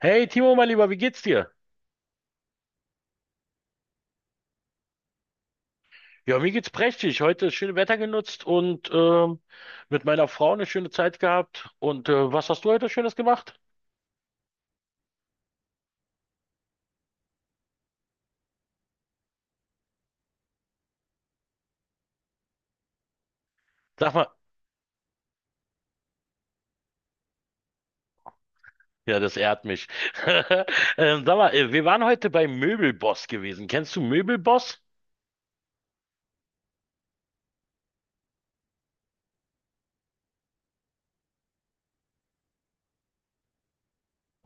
Hey Timo, mein Lieber, wie geht's dir? Ja, mir geht's prächtig. Heute das schöne Wetter genutzt und mit meiner Frau eine schöne Zeit gehabt. Und was hast du heute Schönes gemacht? Sag mal, ja, das ehrt mich. Sag mal, wir waren heute bei Möbelboss gewesen. Kennst du Möbelboss?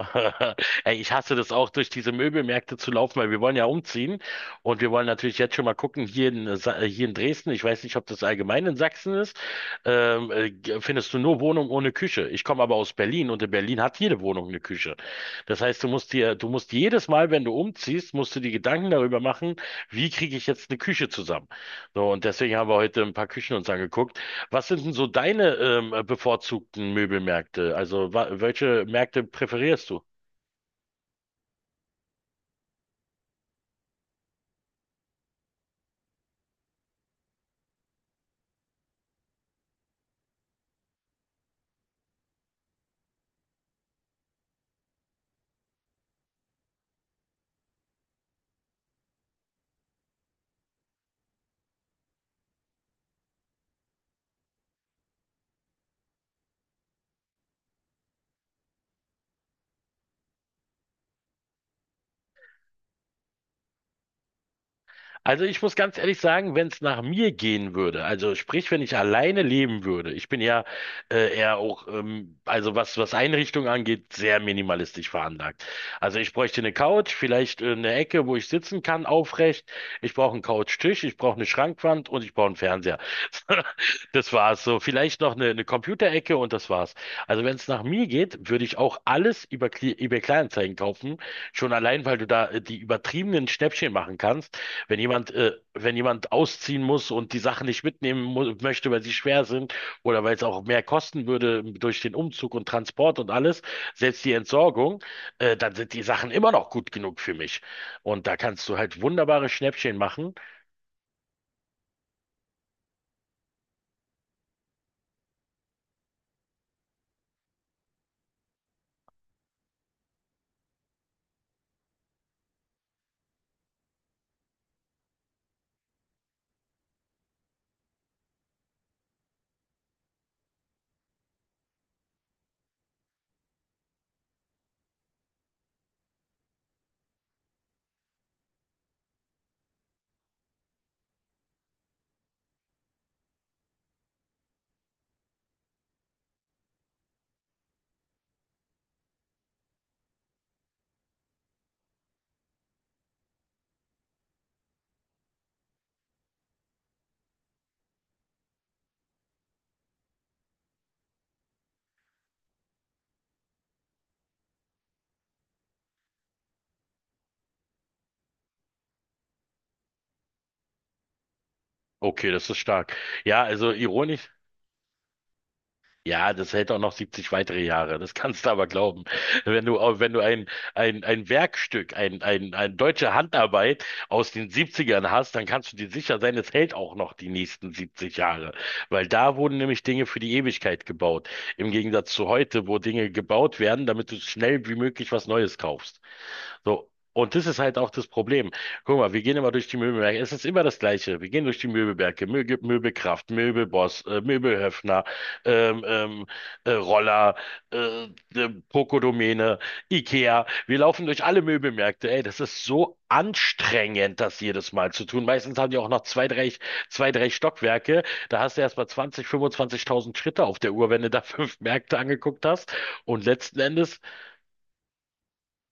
Ey, ich hasse das auch, durch diese Möbelmärkte zu laufen, weil wir wollen ja umziehen und wir wollen natürlich jetzt schon mal gucken, hier hier in Dresden. Ich weiß nicht, ob das allgemein in Sachsen ist, findest du nur Wohnungen ohne Küche. Ich komme aber aus Berlin und in Berlin hat jede Wohnung eine Küche. Das heißt, du musst jedes Mal, wenn du umziehst, musst du dir Gedanken darüber machen, wie kriege ich jetzt eine Küche zusammen. So, und deswegen haben wir heute ein paar Küchen uns angeguckt. Was sind denn so deine bevorzugten Möbelmärkte? Also welche Märkte präferierst du? Also ich muss ganz ehrlich sagen, wenn es nach mir gehen würde, also sprich, wenn ich alleine leben würde, ich bin ja also was Einrichtung angeht, sehr minimalistisch veranlagt. Also ich bräuchte eine Couch, vielleicht eine Ecke, wo ich sitzen kann, aufrecht. Ich brauche einen Couchtisch, ich brauche eine Schrankwand und ich brauche einen Fernseher. Das war's so. Vielleicht noch eine Computerecke und das war's. Also wenn es nach mir geht, würde ich auch alles über eBay Kleinanzeigen kaufen. Schon allein, weil du da die übertriebenen Schnäppchen machen kannst. Wenn wenn jemand ausziehen muss und die Sachen nicht mitnehmen möchte, weil sie schwer sind oder weil es auch mehr kosten würde durch den Umzug und Transport und alles, selbst die Entsorgung, dann sind die Sachen immer noch gut genug für mich. Und da kannst du halt wunderbare Schnäppchen machen. Okay, das ist stark. Ja, also ironisch. Ja, das hält auch noch 70 weitere Jahre. Das kannst du aber glauben. Wenn du ein Werkstück, ein deutsche Handarbeit aus den 70ern hast, dann kannst du dir sicher sein, es hält auch noch die nächsten 70 Jahre. Weil da wurden nämlich Dinge für die Ewigkeit gebaut. Im Gegensatz zu heute, wo Dinge gebaut werden, damit du schnell wie möglich was Neues kaufst. So. Und das ist halt auch das Problem. Guck mal, wir gehen immer durch die Möbelwerke. Es ist immer das Gleiche. Wir gehen durch die Möbelwerke. Möbel, Möbelkraft, Möbelboss, Möbelhöfner, ähm, ähm, Roller, äh, Pokodomäne, Ikea. Wir laufen durch alle Möbelmärkte. Ey, das ist so anstrengend, das jedes Mal zu tun. Meistens haben die auch noch zwei, drei Stockwerke. Da hast du erst mal 20, 25.000 Schritte auf der Uhr, wenn du da fünf Märkte angeguckt hast. Und letzten Endes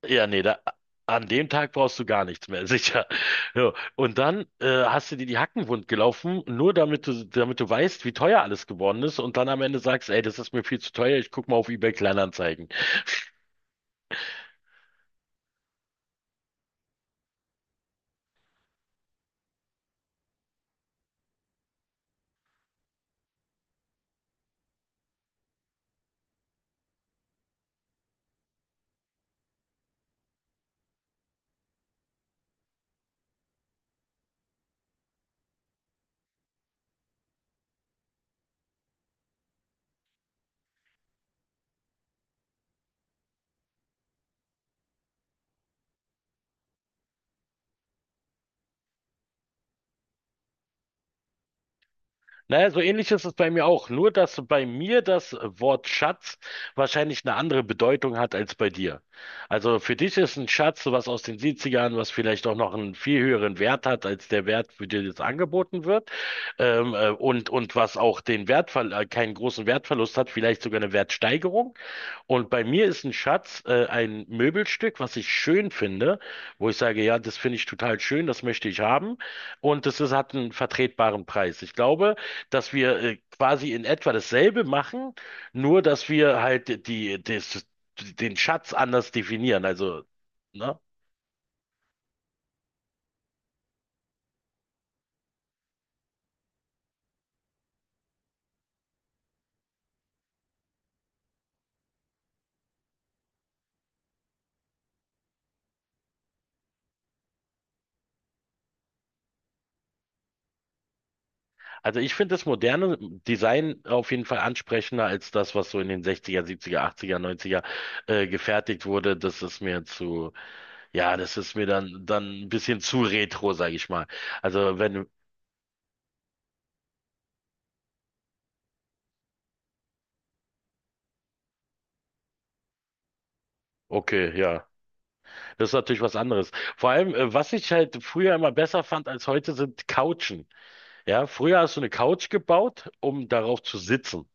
ja, nee, an dem Tag brauchst du gar nichts mehr, sicher. So, und dann hast du dir die Hacken wund gelaufen, nur damit damit du weißt, wie teuer alles geworden ist und dann am Ende sagst, ey, das ist mir viel zu teuer, ich guck mal auf eBay Kleinanzeigen. Naja, so ähnlich ist es bei mir auch, nur dass bei mir das Wort Schatz wahrscheinlich eine andere Bedeutung hat als bei dir. Also für dich ist ein Schatz was aus den 70ern, was vielleicht auch noch einen viel höheren Wert hat als der Wert, für den es angeboten wird, und was auch den Wertverl keinen großen Wertverlust hat, vielleicht sogar eine Wertsteigerung. Und bei mir ist ein Schatz ein Möbelstück, was ich schön finde, wo ich sage, ja, das finde ich total schön, das möchte ich haben. Und hat einen vertretbaren Preis. Ich glaube, dass wir quasi in etwa dasselbe machen, nur dass wir halt den Schatz anders definieren. Also, ne? Also ich finde das moderne Design auf jeden Fall ansprechender als das, was so in den 60er, 70er, 80er, 90er gefertigt wurde. Das ist mir zu. Ja, das ist mir dann ein bisschen zu retro, sage ich mal. Also wenn, okay, ja, das ist natürlich was anderes. Vor allem, was ich halt früher immer besser fand als heute, sind Couchen. Ja, früher hast du eine Couch gebaut, um darauf zu sitzen.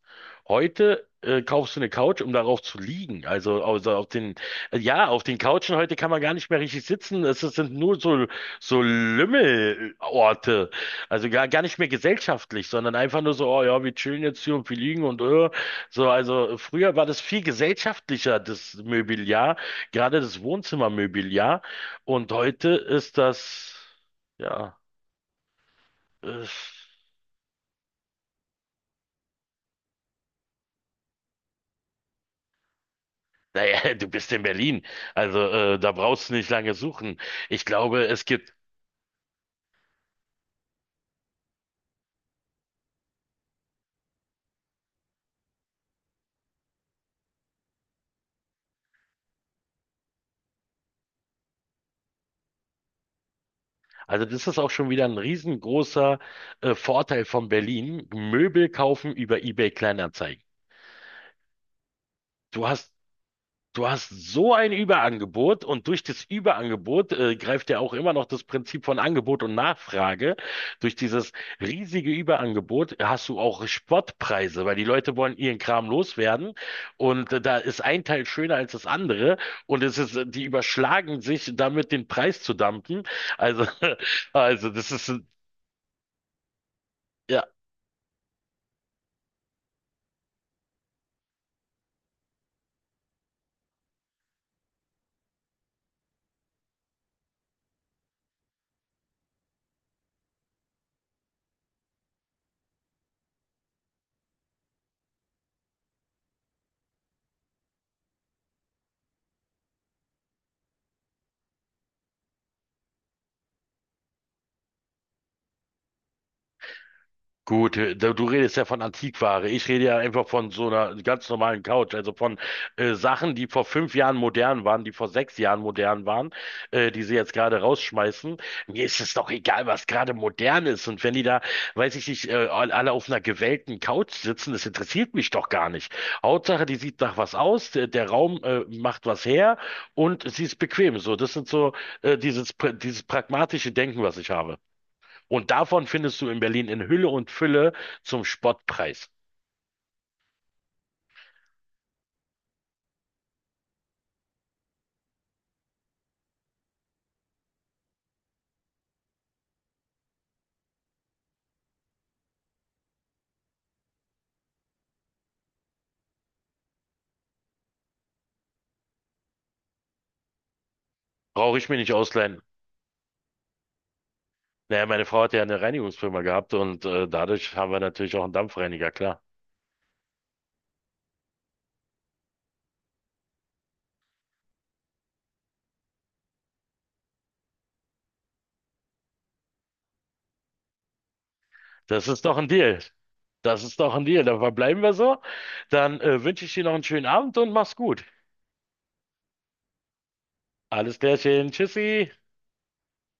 Heute kaufst du eine Couch, um darauf zu liegen. Also auf den Couchen heute kann man gar nicht mehr richtig sitzen. Es sind nur so, so Lümmelorte. Also gar nicht mehr gesellschaftlich, sondern einfach nur so, oh ja, wir chillen jetzt hier und wir liegen und. So, also früher war das viel gesellschaftlicher, das Mobiliar, gerade das Wohnzimmermobiliar. Und heute ist das, ja. äh, Naja, du bist in Berlin. Also da brauchst du nicht lange suchen. Ich glaube, also das ist auch schon wieder ein riesengroßer Vorteil von Berlin. Möbel kaufen über eBay Kleinanzeigen. Du hast Du hast so ein Überangebot und durch das Überangebot greift ja auch immer noch das Prinzip von Angebot und Nachfrage. Durch dieses riesige Überangebot hast du auch Spottpreise, weil die Leute wollen ihren Kram loswerden und da ist ein Teil schöner als das andere und die überschlagen sich damit den Preis zu dumpen. Also, also das ist äh, gut. Du redest ja von Antiquare. Ich rede ja einfach von so einer ganz normalen Couch, also von Sachen, die vor fünf Jahren modern waren, die vor sechs Jahren modern waren, die sie jetzt gerade rausschmeißen. Mir ist es doch egal, was gerade modern ist. Und wenn weiß ich nicht, alle auf einer gewellten Couch sitzen, das interessiert mich doch gar nicht. Hauptsache, die sieht nach was aus, der Raum macht was her und sie ist bequem. So, das sind so dieses pragmatische Denken, was ich habe. Und davon findest du in Berlin in Hülle und Fülle zum Spottpreis. Brauche ich mir nicht ausleihen. Naja, meine Frau hat ja eine Reinigungsfirma gehabt und dadurch haben wir natürlich auch einen Dampfreiniger, klar. Das ist doch ein Deal. Das ist doch ein Deal. Dann verbleiben wir so. Dann wünsche ich dir noch einen schönen Abend und mach's gut. Alles Klärchen. Tschüssi.